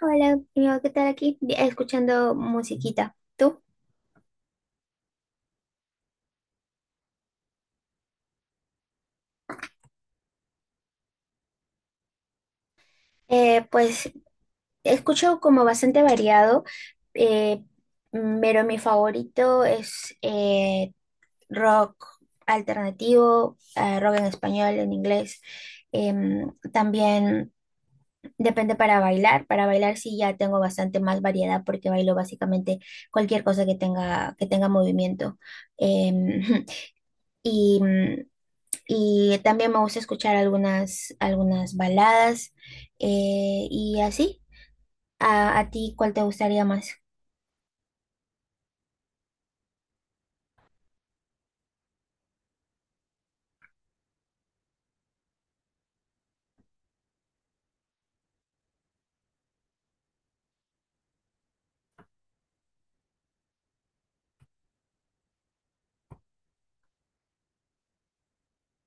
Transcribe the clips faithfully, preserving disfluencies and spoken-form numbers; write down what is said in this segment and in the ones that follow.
Hola, amigo, ¿qué tal aquí? Di- Escuchando musiquita. ¿Tú? Eh, pues escucho como bastante variado, eh, mm, pero mi favorito es eh, rock alternativo, eh, rock en español, en inglés. Em, también depende para bailar. Para bailar sí ya tengo bastante más variedad porque bailo básicamente cualquier cosa que tenga, que tenga movimiento. Em, y mm, Y también me gusta escuchar algunas, algunas baladas eh, y así. ¿A, a ti cuál te gustaría más?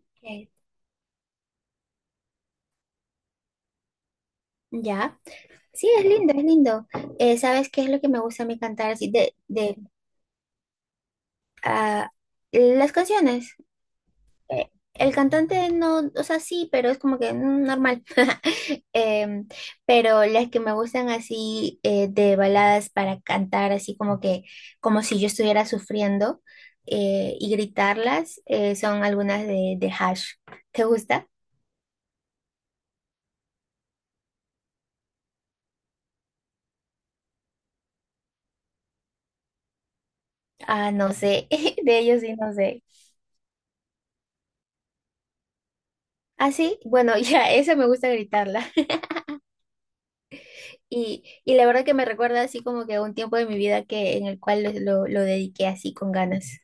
Ok. Ya. Sí, es lindo, es lindo. Eh, ¿sabes qué es lo que me gusta a mí cantar? Así de, de, ah, las canciones. Eh, el cantante no, o sea, sí, pero es como que mm, normal. Em, pero las que me gustan así eh, de baladas para cantar, así como que, como si yo estuviera sufriendo eh, y gritarlas, eh, son algunas de, de Hash. ¿Te gusta? Ah, no sé, de ellos sí, no sé. Ah, sí, bueno, ya, esa me gusta gritarla. Y, y la verdad que me recuerda así como que a un tiempo de mi vida que en el cual lo, lo lo dediqué así con ganas.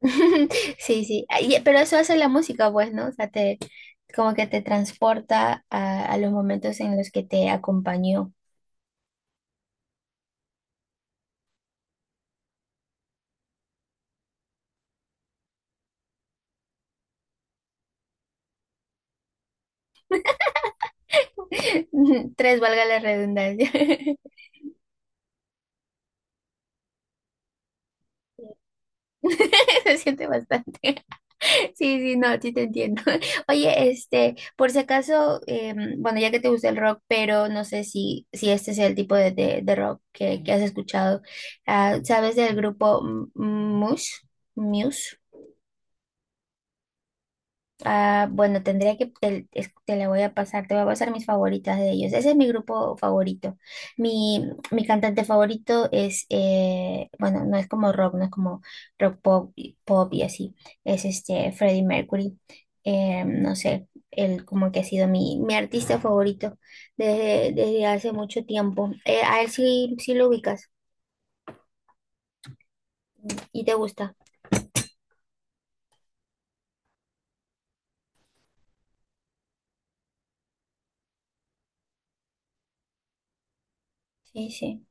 Sí, sí, ay, pero eso hace la música, pues, ¿no? O sea, te, como que te transporta a, a los momentos en los que te acompañó. Tres, valga la redundancia. Se siente bastante. Sí, sí, no, sí te entiendo. Oye, este, por si acaso, eh, bueno, ya que te gusta el rock, pero no sé si, si este es el tipo de, de, de rock que, que has escuchado. Ah, ¿sabes del grupo M- Muse? Muse. Ah, bueno, tendría que, te, es- te la voy a pasar, te voy a pasar mis favoritas de ellos. Ese es mi grupo favorito. Mi, mi cantante favorito es, eh, bueno, no es como rock, no es como rock pop, y- pop y así. Es este Freddie Mercury. Eh, no sé, él como que ha sido mi, mi artista favorito desde, desde hace mucho tiempo. Eh, a él sí, sí lo ubicas y te gusta. Sí, sí.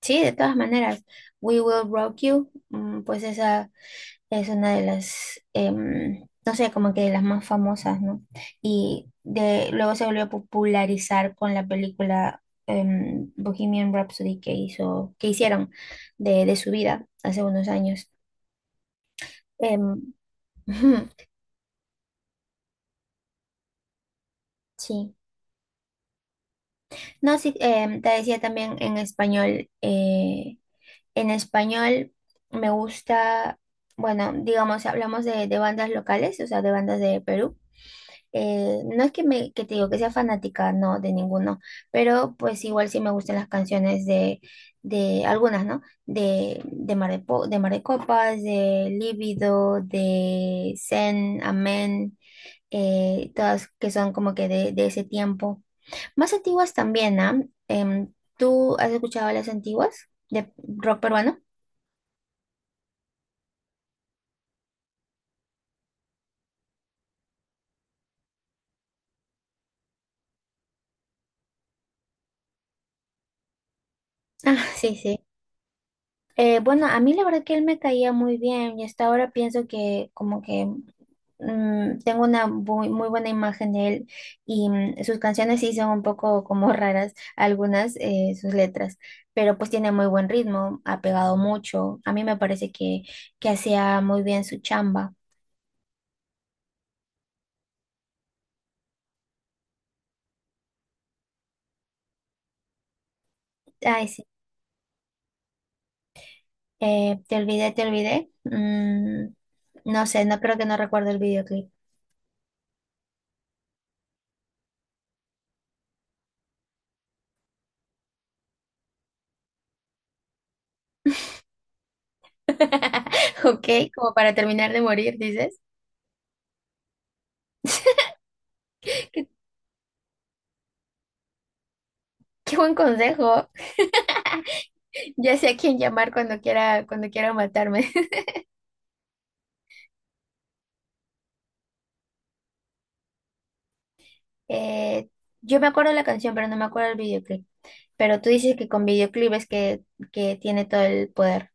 Sí, de todas maneras. We Will Rock You, mm, pues esa. Es una de las, em, no sé, como que de las más famosas, ¿no? Y de, luego se volvió a popularizar con la película em, Bohemian Rhapsody que hizo, que hicieron de, de su vida hace unos años. Em, sí. No, sí, em, te decía también en español, eh, en español me gusta, bueno, digamos, si hablamos de, de bandas locales, o sea, de bandas de Perú. Eh, no es que me, que te digo que sea fanática, no, de ninguno, pero pues igual sí me gustan las canciones de, de algunas, ¿no? De, de Mar de, Po- de Mar de Copas, de Líbido, de Zen, Amén, eh, todas que son como que de, de ese tiempo. Más antiguas también, ¿ah? Em, ¿Tú has escuchado las antiguas de rock peruano? Ah, sí, sí. Eh, bueno, a mí la verdad que él me caía muy bien y hasta ahora pienso que como que mm, tengo una muy, muy buena imagen de él y mm, sus canciones sí son un poco como raras, algunas eh, sus letras, pero pues tiene muy buen ritmo, ha pegado mucho, a mí me parece que, que hacía muy bien su chamba. Ay, sí, eh, te olvidé, te olvidé. Mm, no sé, no creo que no recuerdo el videoclip. Ok, como para terminar de morir, dices. Qué buen consejo. Ya sé a quién llamar cuando quiera, cuando quiera, matarme. Eh, yo me acuerdo la canción, pero no me acuerdo el videoclip. Pero tú dices que con videoclip es que, que tiene todo el poder.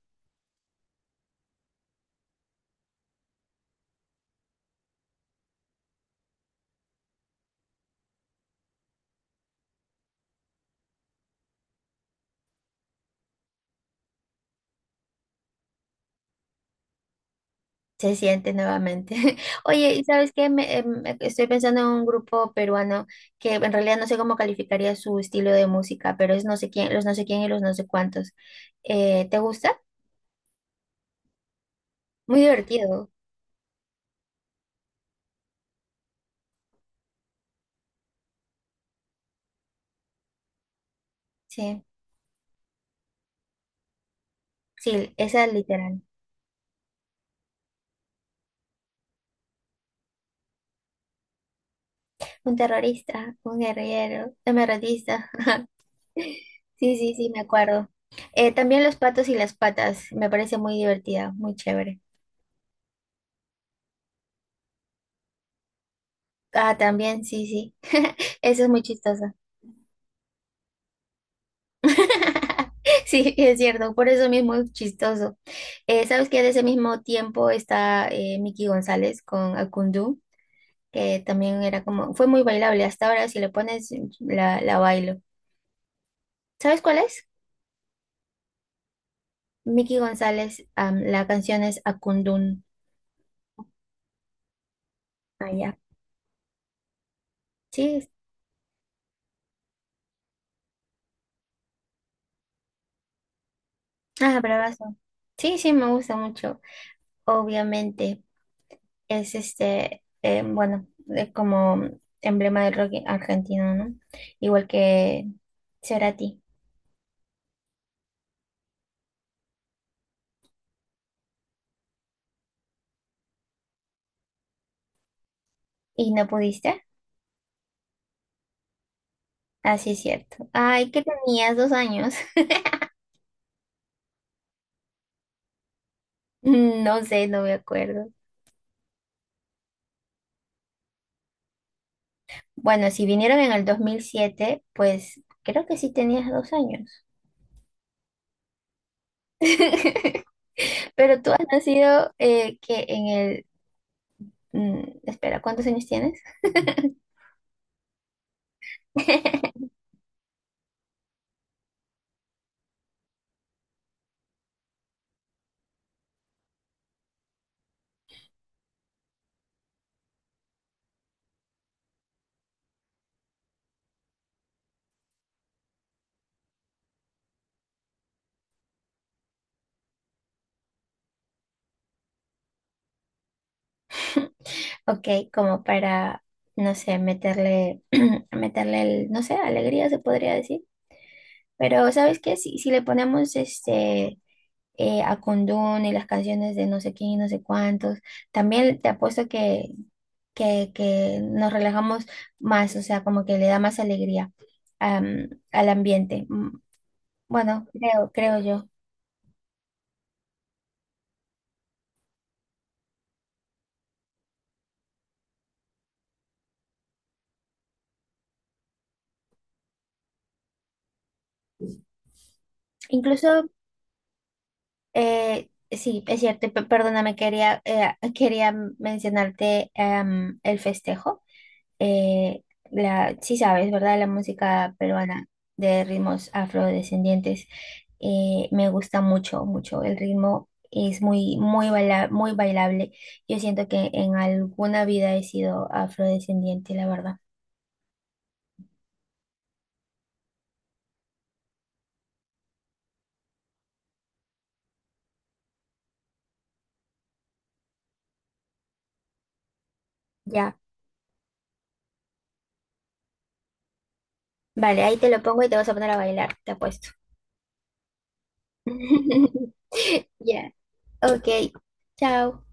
Se siente nuevamente. Oye, ¿y sabes qué? Me- em, estoy pensando en un grupo peruano que en realidad no sé cómo calificaría su estilo de música, pero es no sé quién, los no sé quién y los no sé cuántos. Eh, ¿te gusta? Muy divertido. Sí, sí, esa literal. Un terrorista, un guerrillero, un emeraldista. Sí, sí, sí, me acuerdo. Eh, también los patos y las patas, me parece muy divertida, muy chévere. Ah, también, sí, sí. Eso es muy chistoso. Sí, es cierto, por eso mismo es chistoso. Eh, ¿sabes que de ese mismo tiempo está eh, Miki González con Akundú, que también era como, fue muy bailable, hasta ahora si le pones la, la bailo. ¿Sabes cuál es? Miki González, am, la canción es Akundún. Ah, ya. Sí, es- ah, bravazo. Sí, sí, me gusta mucho. Obviamente, es este, eh, bueno, eh, como emblema del rock argentino, ¿no? Igual que Cerati. ¿Y no pudiste? Así es cierto. Ay, que tenías dos años. No sé, no me acuerdo. Bueno, si vinieron en el dos mil siete pues creo que sí tenías dos años. Pero tú has nacido, eh, que en el... mm, espera, ¿cuántos años tienes? Ok, como para, no sé, meterle, meterle el, no sé, alegría se podría decir. Pero, ¿sabes qué? Si, si le ponemos este eh, a Kundun y las canciones de no sé quién y no sé cuántos, también te apuesto que, que, que nos relajamos más, o sea, como que le da más alegría am, al ambiente. Mm, Bueno, creo, creo yo. Incluso, eh, sí, es cierto, pe- perdóname, quería, eh, quería mencionarte am, el festejo. eh, la, sí sabes, ¿verdad? La música peruana de ritmos afrodescendientes eh, me gusta mucho, mucho. El ritmo es muy, muy baila- muy bailable. Yo siento que en alguna vida he sido afrodescendiente, la verdad. Ya. Vale, ahí te lo pongo y te vas a poner a bailar, te apuesto. Ya, ok, chao.